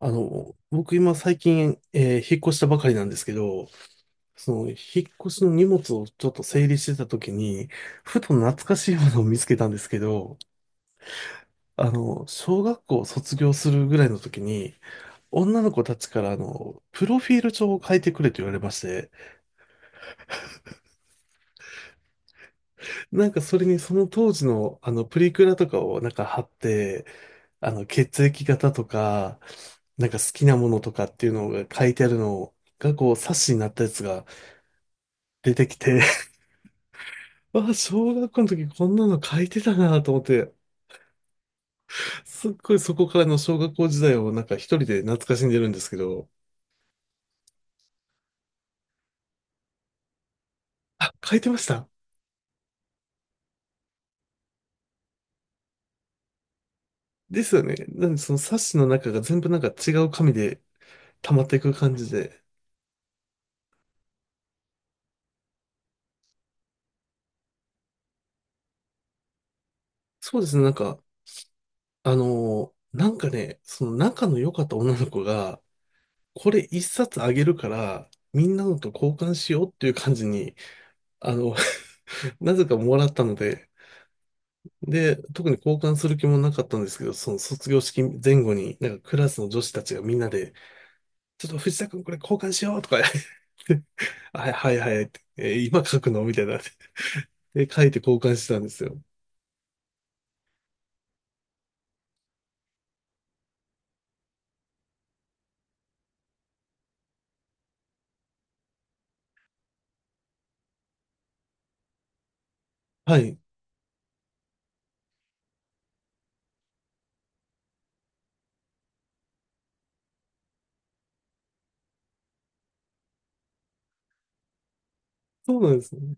僕今最近、引っ越したばかりなんですけど、その、引っ越しの荷物をちょっと整理してた時に、ふと懐かしいものを見つけたんですけど、小学校を卒業するぐらいの時に、女の子たちからプロフィール帳を書いてくれと言われまして、なんかそれにその当時のプリクラとかをなんか貼って、血液型とか、なんか好きなものとかっていうのが書いてあるのが、こう、冊子になったやつが出てきて、あ、小学校の時こんなの書いてたなと思って、すっごいそこからの小学校時代をなんか一人で懐かしんでるんですけど。あ、書いてました。ですよね。なんでその冊子の中が全部なんか違う紙で溜まっていく感じで。そうですね、なんか、なんかね、その仲の良かった女の子が、これ一冊あげるから、みんなのと交換しようっていう感じに、あの、なぜかもらったので、で、特に交換する気もなかったんですけど、その卒業式前後に、なんかクラスの女子たちがみんなで、ちょっと藤田くんこれ交換しようとか言って、はいはいはいって、えー今書くのみたいな。で、書いて交換してたんですよ。はい。そうなんですね。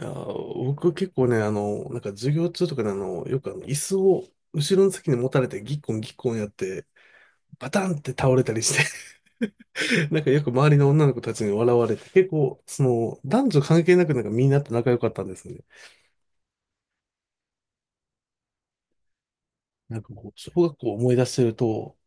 いやー、僕結構ね、なんか授業中とかでよく椅子を後ろの席に持たれてギッコンギッコンやって、バタンって倒れたりして なんかよく周りの女の子たちに笑われて、結構、男女関係なくなんかみんなと仲良かったんですよね。なんかこう、小学校を思い出してると、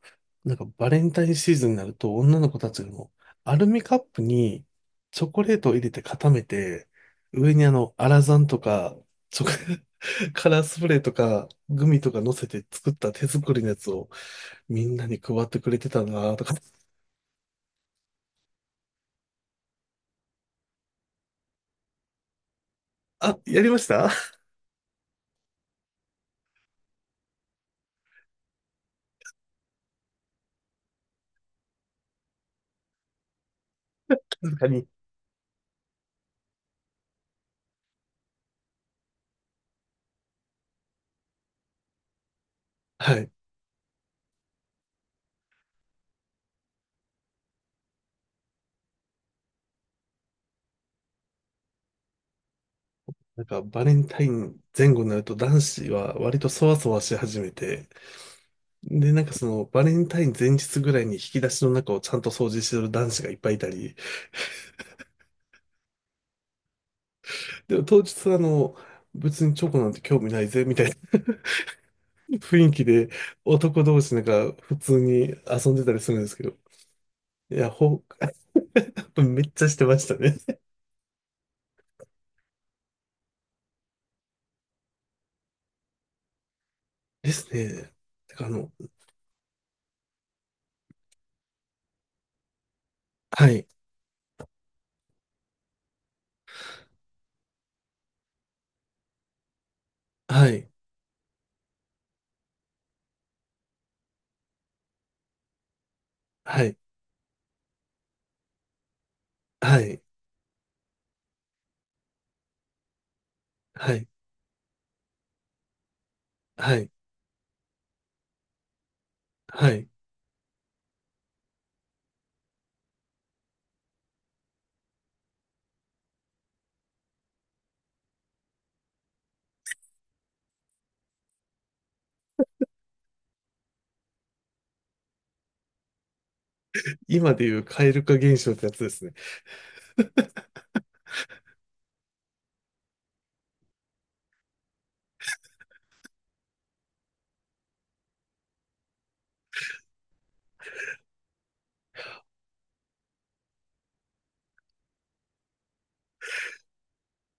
なんかバレンタインシーズンになると、女の子たちのアルミカップにチョコレートを入れて固めて、上にアラザンとか、チョコ カラースプレーとか、グミとか乗せて作った手作りのやつをみんなに配ってくれてたなとか。あ、やりました。 確かに。はい。なんかバレンタイン前後になると男子は割とそわそわし始めて、で、なんかそのバレンタイン前日ぐらいに引き出しの中をちゃんと掃除してる男子がいっぱいいたり、でも当日は別にチョコなんて興味ないぜ、みたいな 雰囲気で男同士なんか普通に遊んでたりするんですけど、いや、めっちゃしてましたね。ですね。てかはい、はい、はい、はい、はい、はい、はい。今でいう蛙化現象ってやつですね。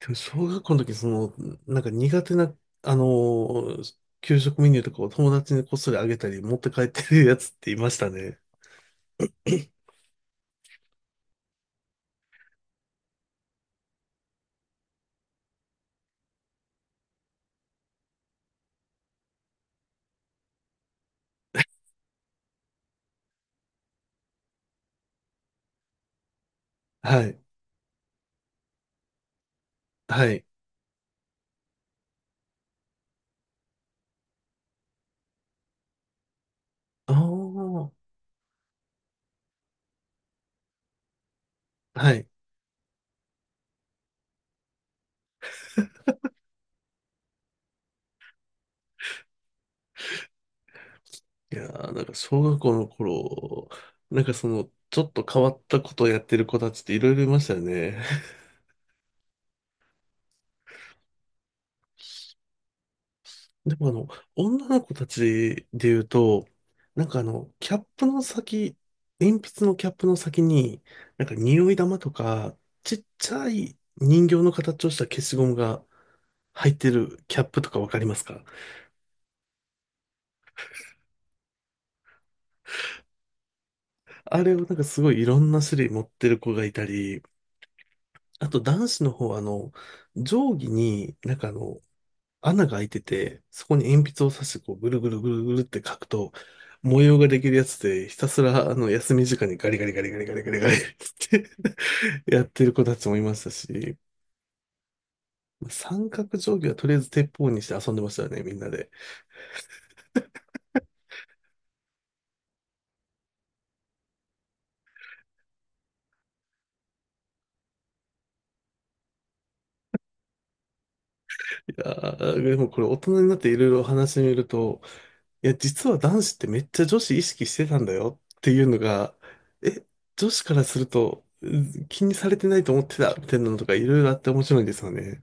でも小学校の時、なんか苦手な、給食メニューとかを友達にこっそりあげたり、持って帰ってるやつっていましたね。はい。はい。ああ、はい。いやー、なんか小学校の頃、なんかちょっと変わったことをやってる子たちっていろいろいましたよね。でも女の子たちで言うと、なんかキャップの先、鉛筆のキャップの先に、なんか匂い玉とか、ちっちゃい人形の形をした消しゴムが入ってるキャップとかわかりますか？あれをなんかすごいいろんな種類持ってる子がいたり、あと男子の方は定規になんか穴が開いてて、そこに鉛筆を刺して、こう、ぐるぐるぐるぐるって書くと、模様ができるやつで、ひたすら、休み時間にガリガリガリガリガリガリガリって やってる子たちもいましたし、三角定規はとりあえず鉄砲にして遊んでましたよね、みんなで。いやー、でもこれ大人になっていろいろ話してみると、いや、実は男子ってめっちゃ女子意識してたんだよっていうのが、え、女子からすると、うん気にされてないと思ってた、みたいなのとかいろいろあって面白いんですよね。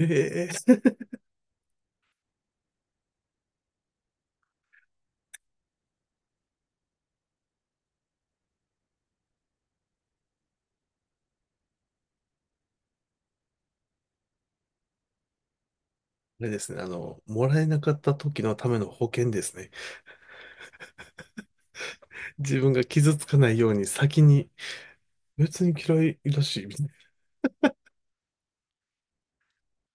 ええ、あれですね、もらえなかった時のための保険ですね。自分が傷つかないように先に、別に嫌いらしい、みたいな。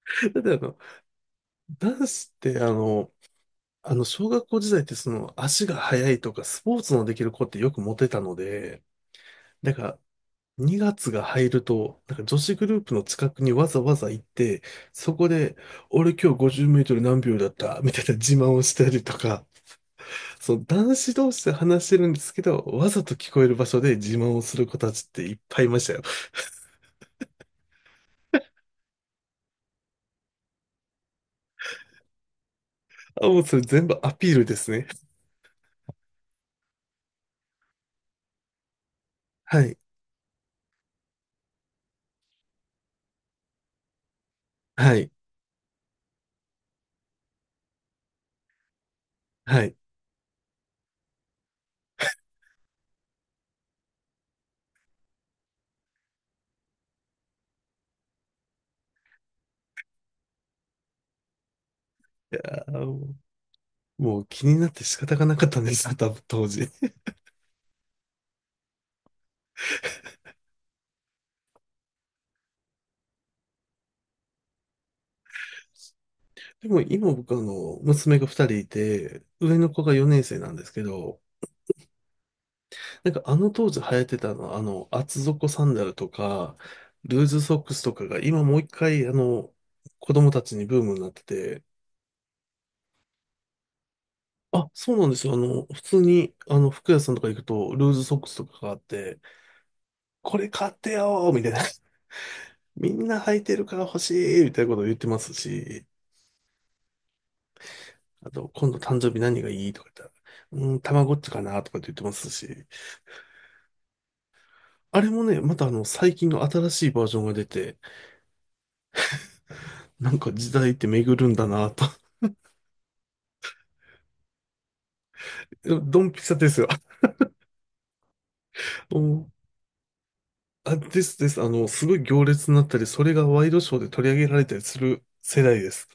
だって男子って小学校時代って足が速いとかスポーツのできる子ってよくモテたので、なんか2月が入ると、なんか女子グループの近くにわざわざ行って、そこで、俺今日50メートル何秒だったみたいな自慢をしたりとか、そう、男子同士で話してるんですけど、わざと聞こえる場所で自慢をする子たちっていっぱいいましたよ。あ、もうそれ全部アピールですね。はい、はい、はい。いやー、もう気になって仕方がなかったんです、多分当時。でも今僕娘が二人いて、上の子が4年生なんですけど、なんかあの当時流行ってたの、厚底サンダルとか、ルーズソックスとかが今もう一回子供たちにブームになってて。あ、そうなんですよ。普通に、服屋さんとか行くと、ルーズソックスとかがあって、これ買ってよーみたいな。みんな履いてるから欲しいみたいなことを言ってますし、あと、今度誕生日何がいいとか言ったら、うん、たまごっちかなとかって言ってますし、あれもね、また最近の新しいバージョンが出て、なんか時代って巡るんだなと。ドンピシャですよ。うん。あ、ですです。すごい行列になったり、それがワイドショーで取り上げられたりする世代です。